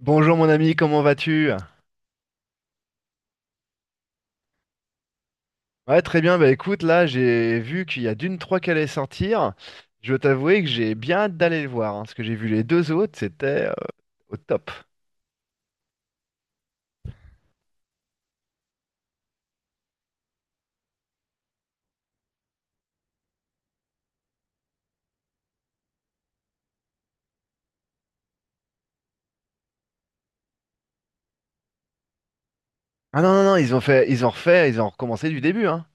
Bonjour mon ami, comment vas-tu? Ouais, très bien. Bah écoute, là, j'ai vu qu'il y a Dune trois qui allait sortir. Je dois t'avouer que j'ai bien hâte d'aller le voir, hein, parce que j'ai vu les deux autres, c'était au top. Ah non, non, non, ils ont fait, ils ont refait, ils ont recommencé du début, hein.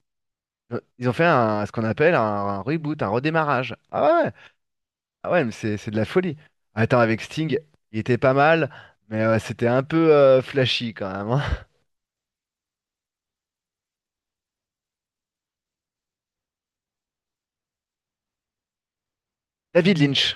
Ils ont fait un- Ce qu'on appelle un reboot, un redémarrage. Ah ouais, ouais. Ah ouais, mais c'est de la folie. Attends, avec Sting, il était pas mal, mais c'était un peu flashy quand même, hein. David Lynch.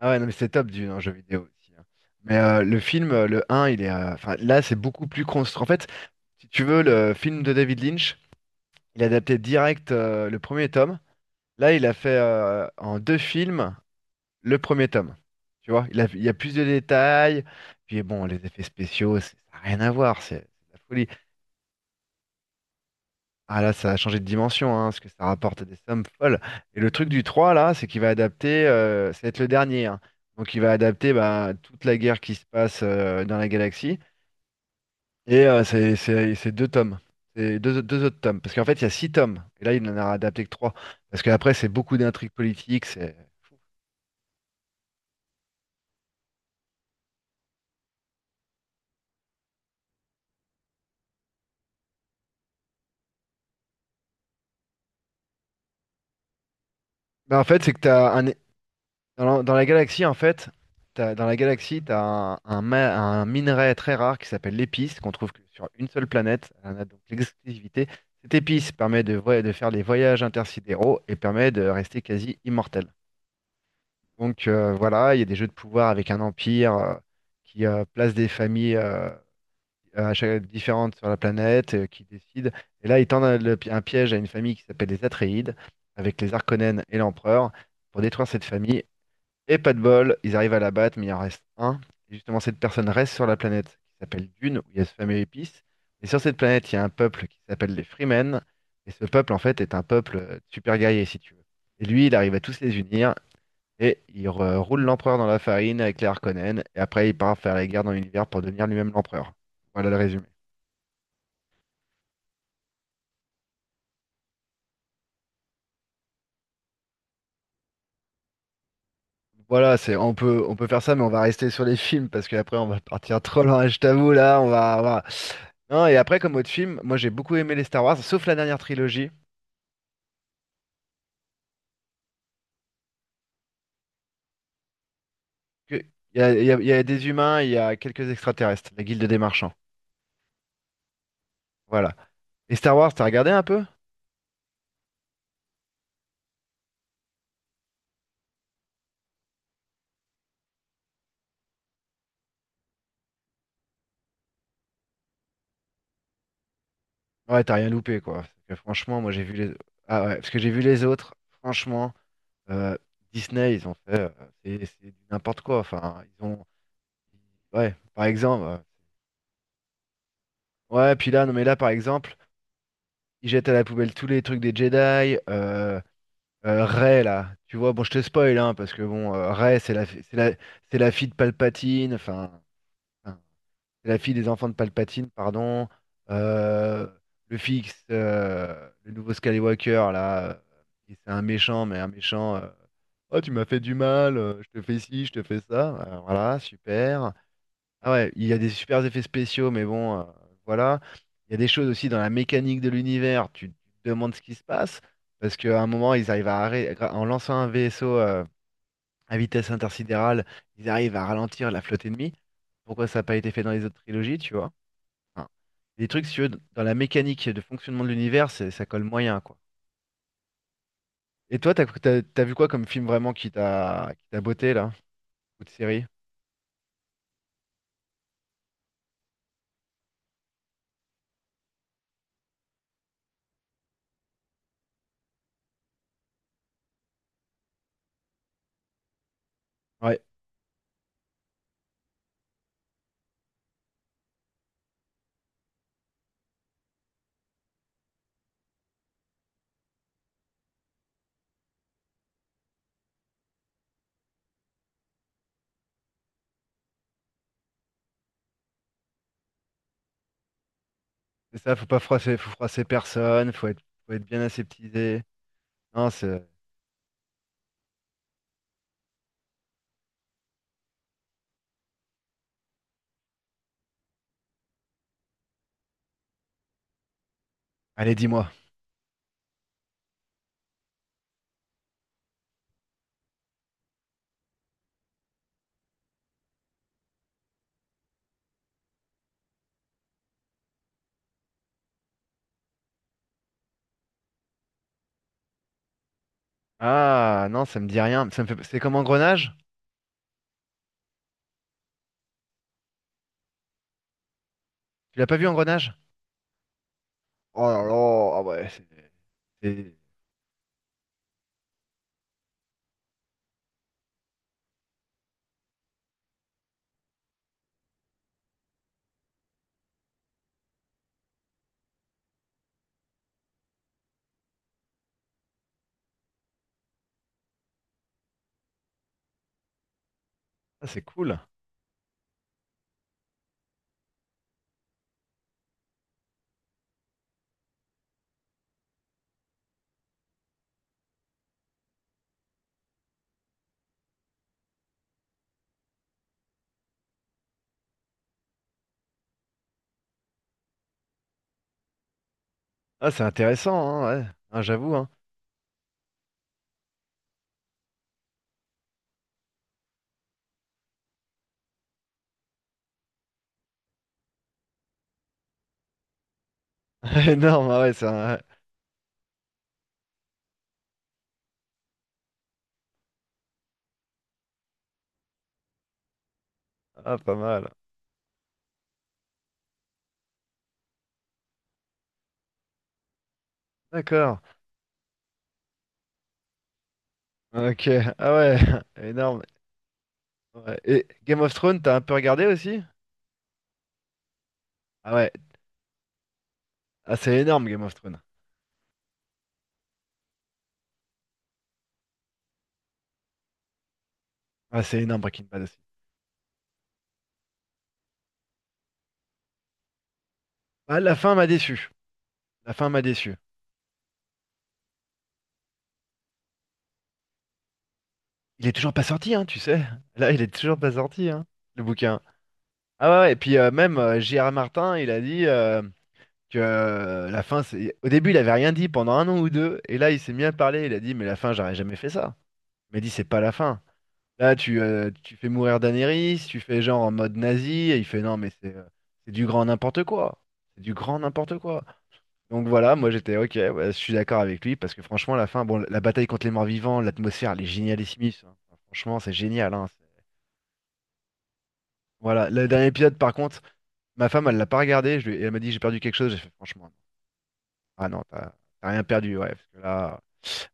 Ah ouais, non, mais c'est top du un jeu vidéo aussi, hein. Mais le film, le un il est... Enfin, là, c'est beaucoup plus construit. En fait, si tu veux, le film de David Lynch, il a adapté direct le premier tome. Là, il a fait en deux films le premier tome. Tu vois, il y a plus de détails. Puis bon, les effets spéciaux, ça n'a rien à voir. C'est de la folie. Ah là, ça a changé de dimension, hein, parce que ça rapporte des sommes folles. Et le truc du 3 là, c'est qu'il va adapter, ça va être le dernier, hein. Donc il va adapter, bah, toute la guerre qui se passe dans la galaxie. Et c'est deux tomes. C'est deux, deux autres tomes. Parce qu'en fait, il y a six tomes. Et là, il n'en a adapté que trois. Parce qu'après, c'est beaucoup d'intrigues politiques. Bah, en fait, c'est que tu as un, dans la galaxie, en fait, dans la galaxie, tu as un minerai très rare qui s'appelle l'épice, qu'on trouve que sur une seule planète. On a donc l'exclusivité. Cette épice permet de faire des voyages intersidéraux et permet de rester quasi immortel. Donc voilà, il y a des jeux de pouvoir avec un empire qui place des familles différentes sur la planète, qui décide. Et là, ils tendent un piège à une famille qui s'appelle les Atréides, avec les Arconènes et l'Empereur, pour détruire cette famille, et pas de bol, ils arrivent à la battre, mais il en reste un. Et justement, cette personne reste sur la planète qui s'appelle Dune, où il y a ce fameux épice. Et sur cette planète, il y a un peuple qui s'appelle les Freemen. Et ce peuple, en fait, est un peuple super guerrier, si tu veux. Et lui, il arrive à tous les unir. Et roule l'empereur dans la farine avec les Harkonnen. Et après, il part faire la guerre dans l'univers pour devenir lui-même l'empereur. Voilà le résumé. Voilà, c'est on peut faire ça, mais on va rester sur les films parce qu'après on va partir trop loin. Je t'avoue là, non. Et après, comme autre film, moi j'ai beaucoup aimé les Star Wars, sauf la dernière trilogie. que- Il y a, il y a des humains, il y a quelques extraterrestres, la Guilde des Marchands. Voilà. Et Star Wars, t'as regardé un peu? Ouais, t'as rien loupé, quoi. Parce que franchement, moi j'ai vu les... ah ouais, parce que j'ai vu les autres. Franchement, euh, Disney, ils ont fait, c'est du n'importe quoi. Enfin, ils ont, ouais, par exemple. Ouais, puis là, non, mais là par exemple. Il jette à la poubelle tous les trucs des Jedi. Rey, là, tu vois, bon, je te spoil, hein, parce que bon, Rey, c'est la, fi- c'est la fille de Palpatine, enfin, c'est la fille des enfants de Palpatine, pardon. Euh, le fixe, le nouveau Skywalker, là, et c'est un méchant, mais un méchant. Oh, tu m'as fait du mal, je te fais ci, je te fais ça. Voilà, super. Ah ouais, il y a des super effets spéciaux, mais bon, voilà. Il y a des choses aussi dans la mécanique de l'univers. Te demandes ce qui se passe, parce qu'à un moment, ils arrivent à arrêter, en lançant un vaisseau à vitesse intersidérale, ils arrivent à ralentir la flotte ennemie. Pourquoi ça n'a pas été fait dans les autres trilogies, tu vois? Enfin, des trucs, si tu veux, dans la mécanique de fonctionnement de l'univers, ça colle moyen, quoi. Et toi, t'as vu quoi comme film vraiment qui qui t'a botté, là? Ou de série? Ouais, c'est ça, faut pas froisser, faut froisser personne, faut être bien aseptisé. Non, c'est... Allez, dis-moi. Ah, non, ça me dit rien. Ça me fait... C'est comme Engrenage? Tu l'as pas vu, Engrenage? Oh là là, ah ouais, c'est... c'est... ah, c'est cool. Ah, c'est intéressant, hein, ouais. Ah, j'avoue, hein. Énorme, ah ouais, c'est un... Ah, pas mal. D'accord. Ok, ah ouais, énorme. Ouais. Et Game of Thrones, t'as un peu regardé aussi? Ah ouais, ah, c'est énorme, Game of Thrones. Ah, c'est énorme, Breaking Bad aussi. Ah, la fin m'a déçu. La fin m'a déçu. Il est toujours pas sorti, hein, tu sais. Là, il est toujours pas sorti, hein, le bouquin. Ah ouais, ouais, et puis même J.R. Martin, il a dit, que la fin, c'est... Au début, il avait rien dit pendant un an ou deux, et là, il s'est mis à parler, il a dit, mais la fin, j'aurais jamais fait ça. Il m'a dit, c'est pas la fin. Là, tu fais mourir Daenerys, tu fais genre en mode nazi, et il fait, non, mais c'est du grand n'importe quoi. C'est du grand n'importe quoi. Donc voilà, moi j'étais, ok, ouais, je suis d'accord avec lui, parce que franchement, la fin, bon, la bataille contre les morts-vivants, l'atmosphère, elle est génialissime, hein. Franchement, c'est génial, hein. Voilà, le dernier épisode, par contre... Ma femme, elle l'a pas regardé. Et elle m'a dit, j'ai perdu quelque chose. J'ai fait, franchement, ah non, t'as rien perdu. Ouais, parce que là...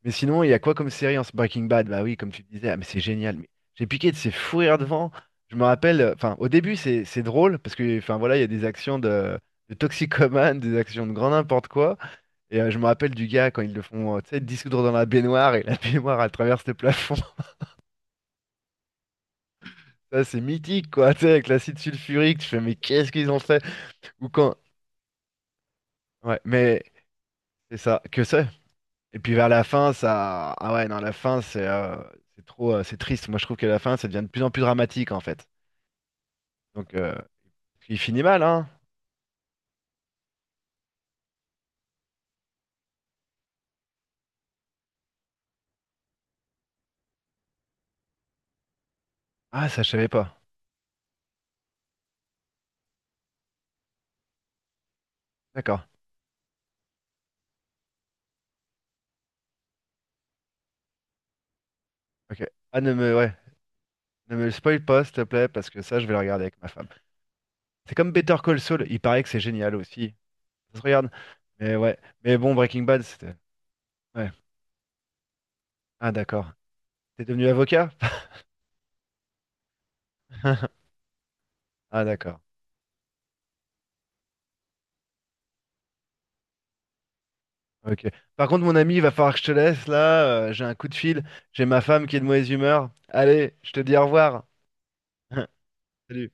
Mais sinon, il y a quoi comme série en ce Breaking Bad? Bah oui, comme tu disais, ah, mais c'est génial. Mais j'ai piqué de ces fous rires devant. Je me rappelle, enfin, au début, c'est drôle parce que, enfin, voilà, il y a des actions de toxicomane, des actions de grand n'importe quoi. Et je me rappelle du gars quand ils le font, tu sais, dissoudre dans la baignoire et la baignoire, elle traverse le plafond. Ça, c'est mythique, quoi, tu sais, avec l'acide sulfurique. Tu fais, mais qu'est-ce qu'ils ont fait? Ou quand. Ouais, mais. C'est ça, que ça. Et puis vers la fin, ça. Ah ouais, non, la fin, c'est trop. C'est triste. Moi, je trouve que la fin, ça devient de plus en plus dramatique, en fait. Donc, il finit mal, hein? Ah, ça, je savais pas. D'accord. Ok. Ah, ne me, ouais. Ne me le spoil pas, s'il te plaît, parce que ça, je vais le regarder avec ma femme. C'est comme Better Call Saul. Il paraît que c'est génial aussi. Ça se regarde. Mais ouais. Mais bon, Breaking Bad, c'était... Ouais. Ah, d'accord. T'es devenu avocat? Ah, d'accord. Ok. Par contre, mon ami, il va falloir que je te laisse là. J'ai un coup de fil. J'ai ma femme qui est de mauvaise humeur. Allez, je te dis au revoir. Salut.